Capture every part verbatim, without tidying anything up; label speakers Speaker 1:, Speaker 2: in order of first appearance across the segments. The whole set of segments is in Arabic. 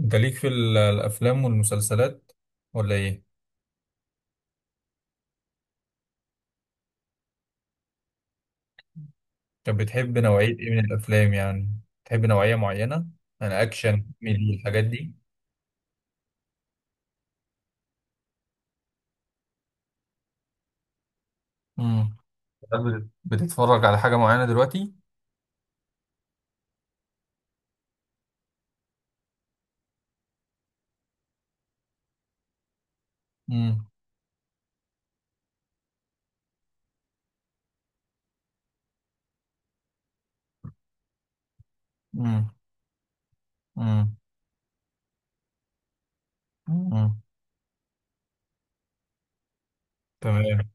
Speaker 1: انت ليك في ال- الافلام والمسلسلات ولا ايه؟ طب بتحب نوعية ايه من الافلام يعني؟ تحب نوعية معينة؟ انا اكشن كوميدي الحاجات دي. امم بت- بتتفرج على حاجة معينة دلوقتي؟ امم. امم. امم. امم. تمام.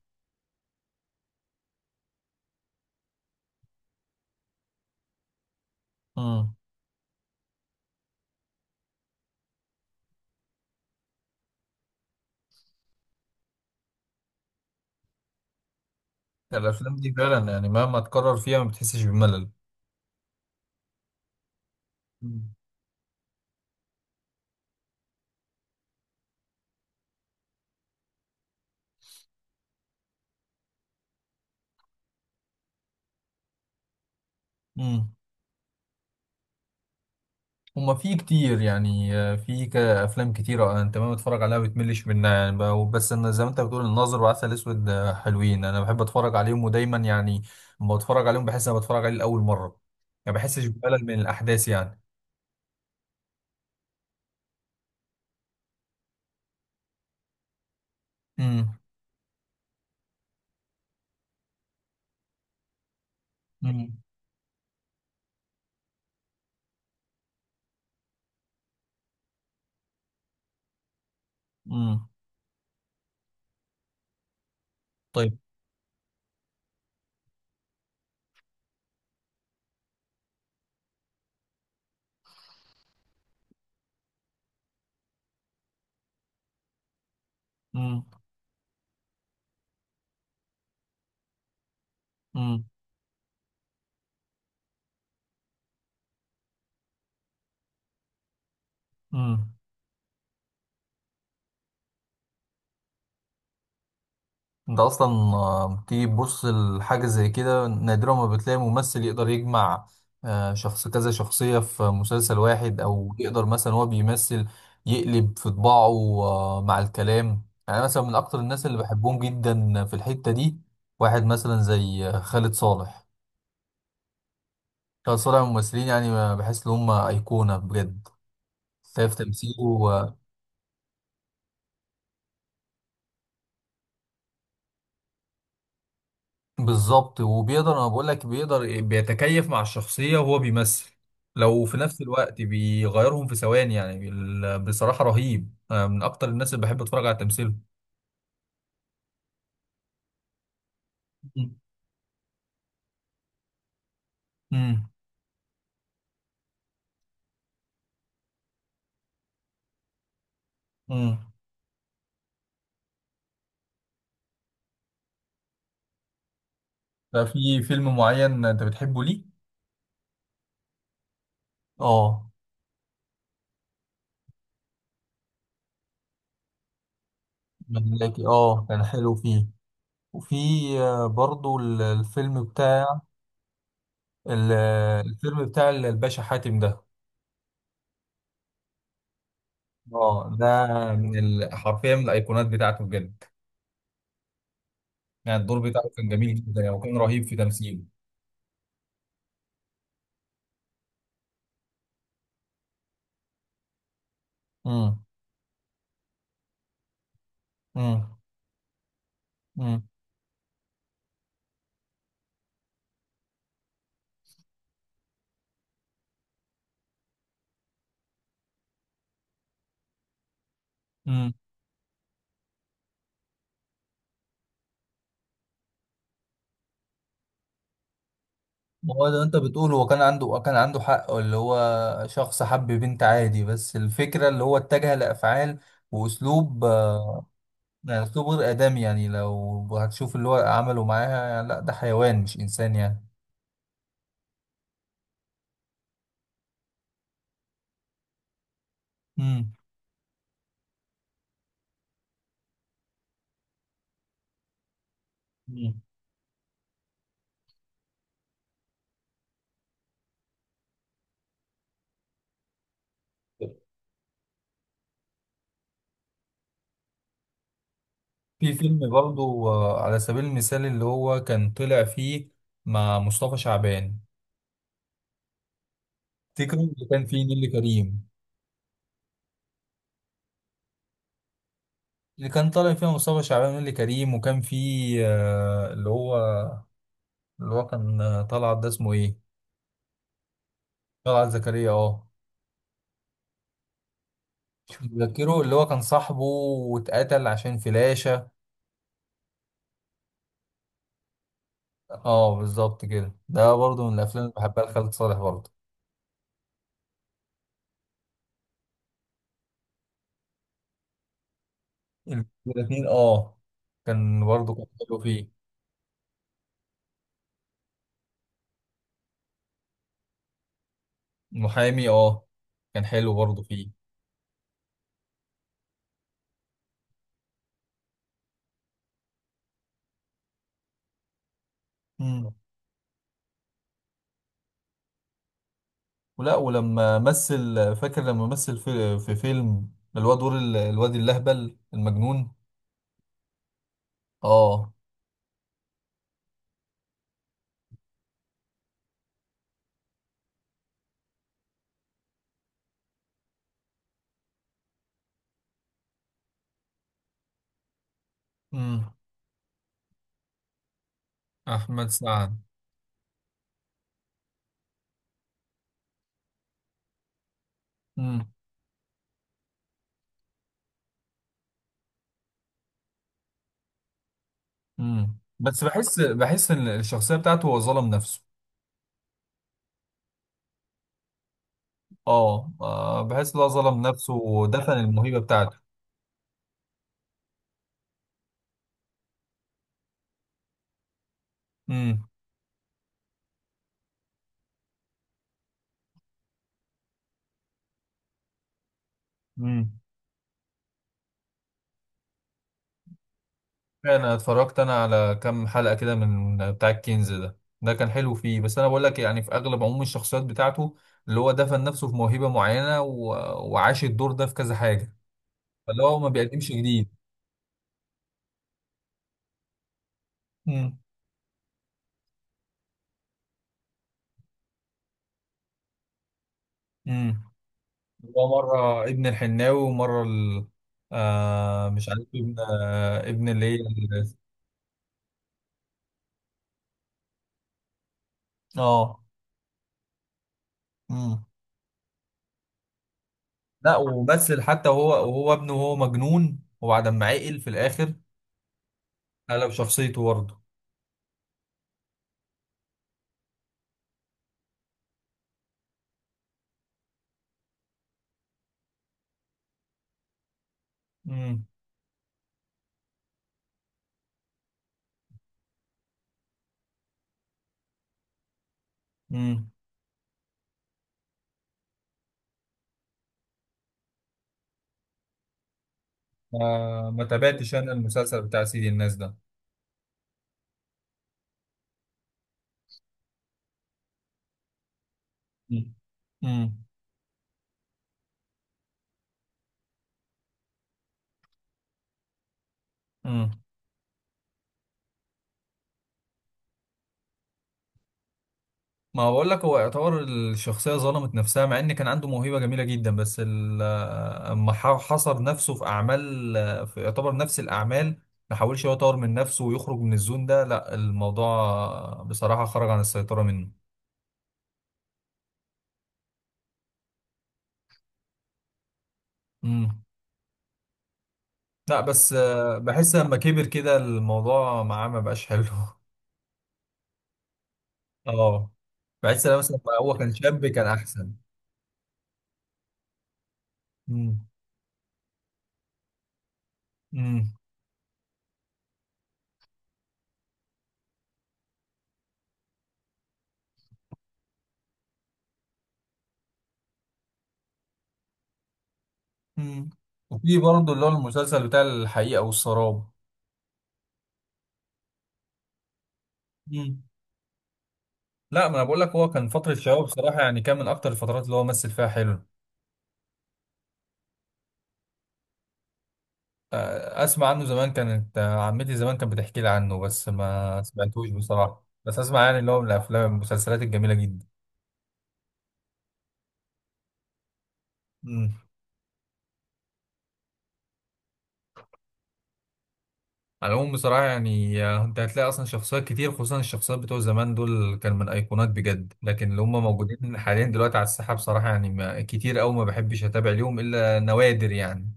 Speaker 1: امم. الافلام دي فعلا يعني مهما تكرر فيها ما بتحسش بملل. امم. هما في كتير، يعني آه، في ك- افلام كتير، آه، انت ما بتتفرج عليها بتملش منها، يعني ب- بس انا زي ما انت بتقول الناظر وعسل اسود، آه، حلوين، انا بحب اتفرج عليهم ودايما يعني لما بتفرج عليهم بحس انا بتفرج عليه لاول مره. ما بحسش بملل من الاحداث يعني. امم. امم. امم. طيب. امم. امم. انت اصلا آه، تيجي تبص لحاجه زي كده نادرا ما بتلاقي ممثل يقدر يجمع آه، شخص كذا شخصيه في مسلسل واحد، او يقدر مثلا هو بيمثل يقلب في طباعه آه، مع الكلام. يعني مثلا من اكتر الناس اللي بحبهم جدا في الحته دي واحد مثلا زي آه، خالد صالح. خالد صالح من الممثلين، يعني آه، بحس ان هم ايقونه بجد. شايف تمثيله آه، بالظبط. وبيقدر، انا بقول لك بيقدر بيتكيف مع الشخصيه وهو بيمثل لو في نفس الوقت بيغيرهم في ثواني، يعني ال- بصراحه رهيب. أنا من اكتر الناس اللي بحب اتفرج على تمثيله. امم. امم. ده في فيلم معين انت بتحبه ليه؟ اه. ملاكي، اه، كان حلو فيه. وفي آه، برضو ال- الفيلم بتاع ال- الفيلم بتاع الباشا حاتم ده. اه، ده من ال- حرفيا من الايقونات بتاعته بجد. يعني الدور بتاعه كان جميل جدا يعني، وكان رهيب في تمثيله. امم. امم. امم. امم. هو ده، انت بتقول هو كان عنده، كان عنده حق اللي هو شخص حب بنت عادي، بس الفكرة اللي هو اتجه لأفعال وأسلوب آه، يعني أسلوب غير آدمي. يعني لو هتشوف اللي هو عمله معاها، يعني لا، ده حيوان مش إنسان يعني. امم. امم. في فيلم برضو آه، على سبيل المثال اللي هو كان طلع فيه مع مصطفى شعبان، تفتكر اللي كان فيه نيللي كريم؟ اللي كان طالع فيها مصطفى شعبان ونيلي كريم وكان فيه آه، اللي هو، اللي هو كان آه، طلعت، ده اسمه ايه؟ طلعت زكريا، اه. مش متذكره، اللي هو كان صاحبه واتقتل عشان فلاشة. اه، بالظبط كده. ده برضه من الافلام اللي بحبها لخالد صالح برضه. الاثنين، اه، كان برضه، كان حلو فيه. المحامي، اه، كان حلو برضه فيه. مم. ولا ولما مثل، فاكر لما مثل في, في فيلم اللي هو دور ال- الواد اللهبل المجنون؟ اه. مم. احمد سعد. امم. امم. بس بحس، بحس ان الشخصيه بتاعته هو ظلم نفسه. اه، آه، بحس ان هو ظلم نفسه ودفن الموهبه بتاعته. امم. امم. انا اتفرجت انا على كام حلقه كده من بتاع الكنز ده، ده كان حلو فيه، بس انا بقول لك يعني في اغلب عموم الشخصيات بتاعته اللي هو دفن نفسه في موهبه معينه، و... وعاش الدور ده في كذا حاجه، فاللي هو ما بيقدمش جديد. امم. هو مرة ابن الحناوي ومرة ال... آه، مش عارف ابن، آه، ابن اللي هي ال- اه. امم. لا، ومثل حتى وهو، وهو ابنه وهو مجنون وبعد ما عقل في الآخر قلب شخصيته برضه. امم. امم. ما ما تابعتش انا المسلسل بتاع سيدي الناس ده. امم. امم. ما بقول لك هو يعتبر الشخصية ظلمت نفسها، مع ان كان عنده موهبة جميلة جدا، بس ال- اما ح- حصر نفسه في اعمال، في يعتبر نفس الاعمال، ما حاولش هو يطور من نفسه ويخرج من الزون ده. لا، الموضوع بصراحة خرج عن السيطرة منه. امم. لا، بس آه، بحس لما كبر كده الموضوع معاه ما بقاش حلو. اه، بحس لما مثلا لما هو كان شاب كان احسن. امم. امم. امم. وفي برضه اللي هو المسلسل بتاع الحقيقة والسراب. لا، ما انا بقول لك هو كان فتره شبابه بصراحه، يعني كان من اكتر الفترات اللي هو مثل فيها حلو. آه، اسمع عنه زمان، كانت آه، عمتي زمان كانت بتحكي لي عنه، بس ما سمعتوش بصراحه، بس اسمع يعني اللي هو من الافلام المسلسلات الجميله جدا. مم. على العموم بصراحة يعني آه، انت هتلاقي اصلا شخصيات كتير، خصوصا الشخصيات بتوع زمان دول كان من ايقونات بجد، لكن اللي هم موجودين حاليا دلوقتي على الساحة بصراحة يعني ما كتير قوي، ما بحبش اتابع ليهم الا نوادر يعني.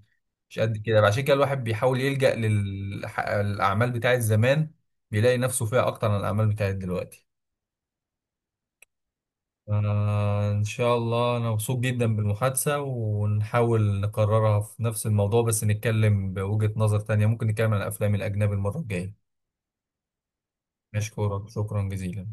Speaker 1: مش قد كده، عشان كده الواحد بيحاول يلجأ للأعمال بتاعت زمان، بيلاقي نفسه فيها اكتر من الأعمال بتاعت دلوقتي. آه، ان شاء الله انا مبسوط جدا بالمحادثة، ونحاول نكررها في نفس الموضوع، بس نتكلم بوجهة نظر تانية، ممكن نتكلم عن الافلام الاجنبي المرة الجاية. نشكرك شكرا جزيلا.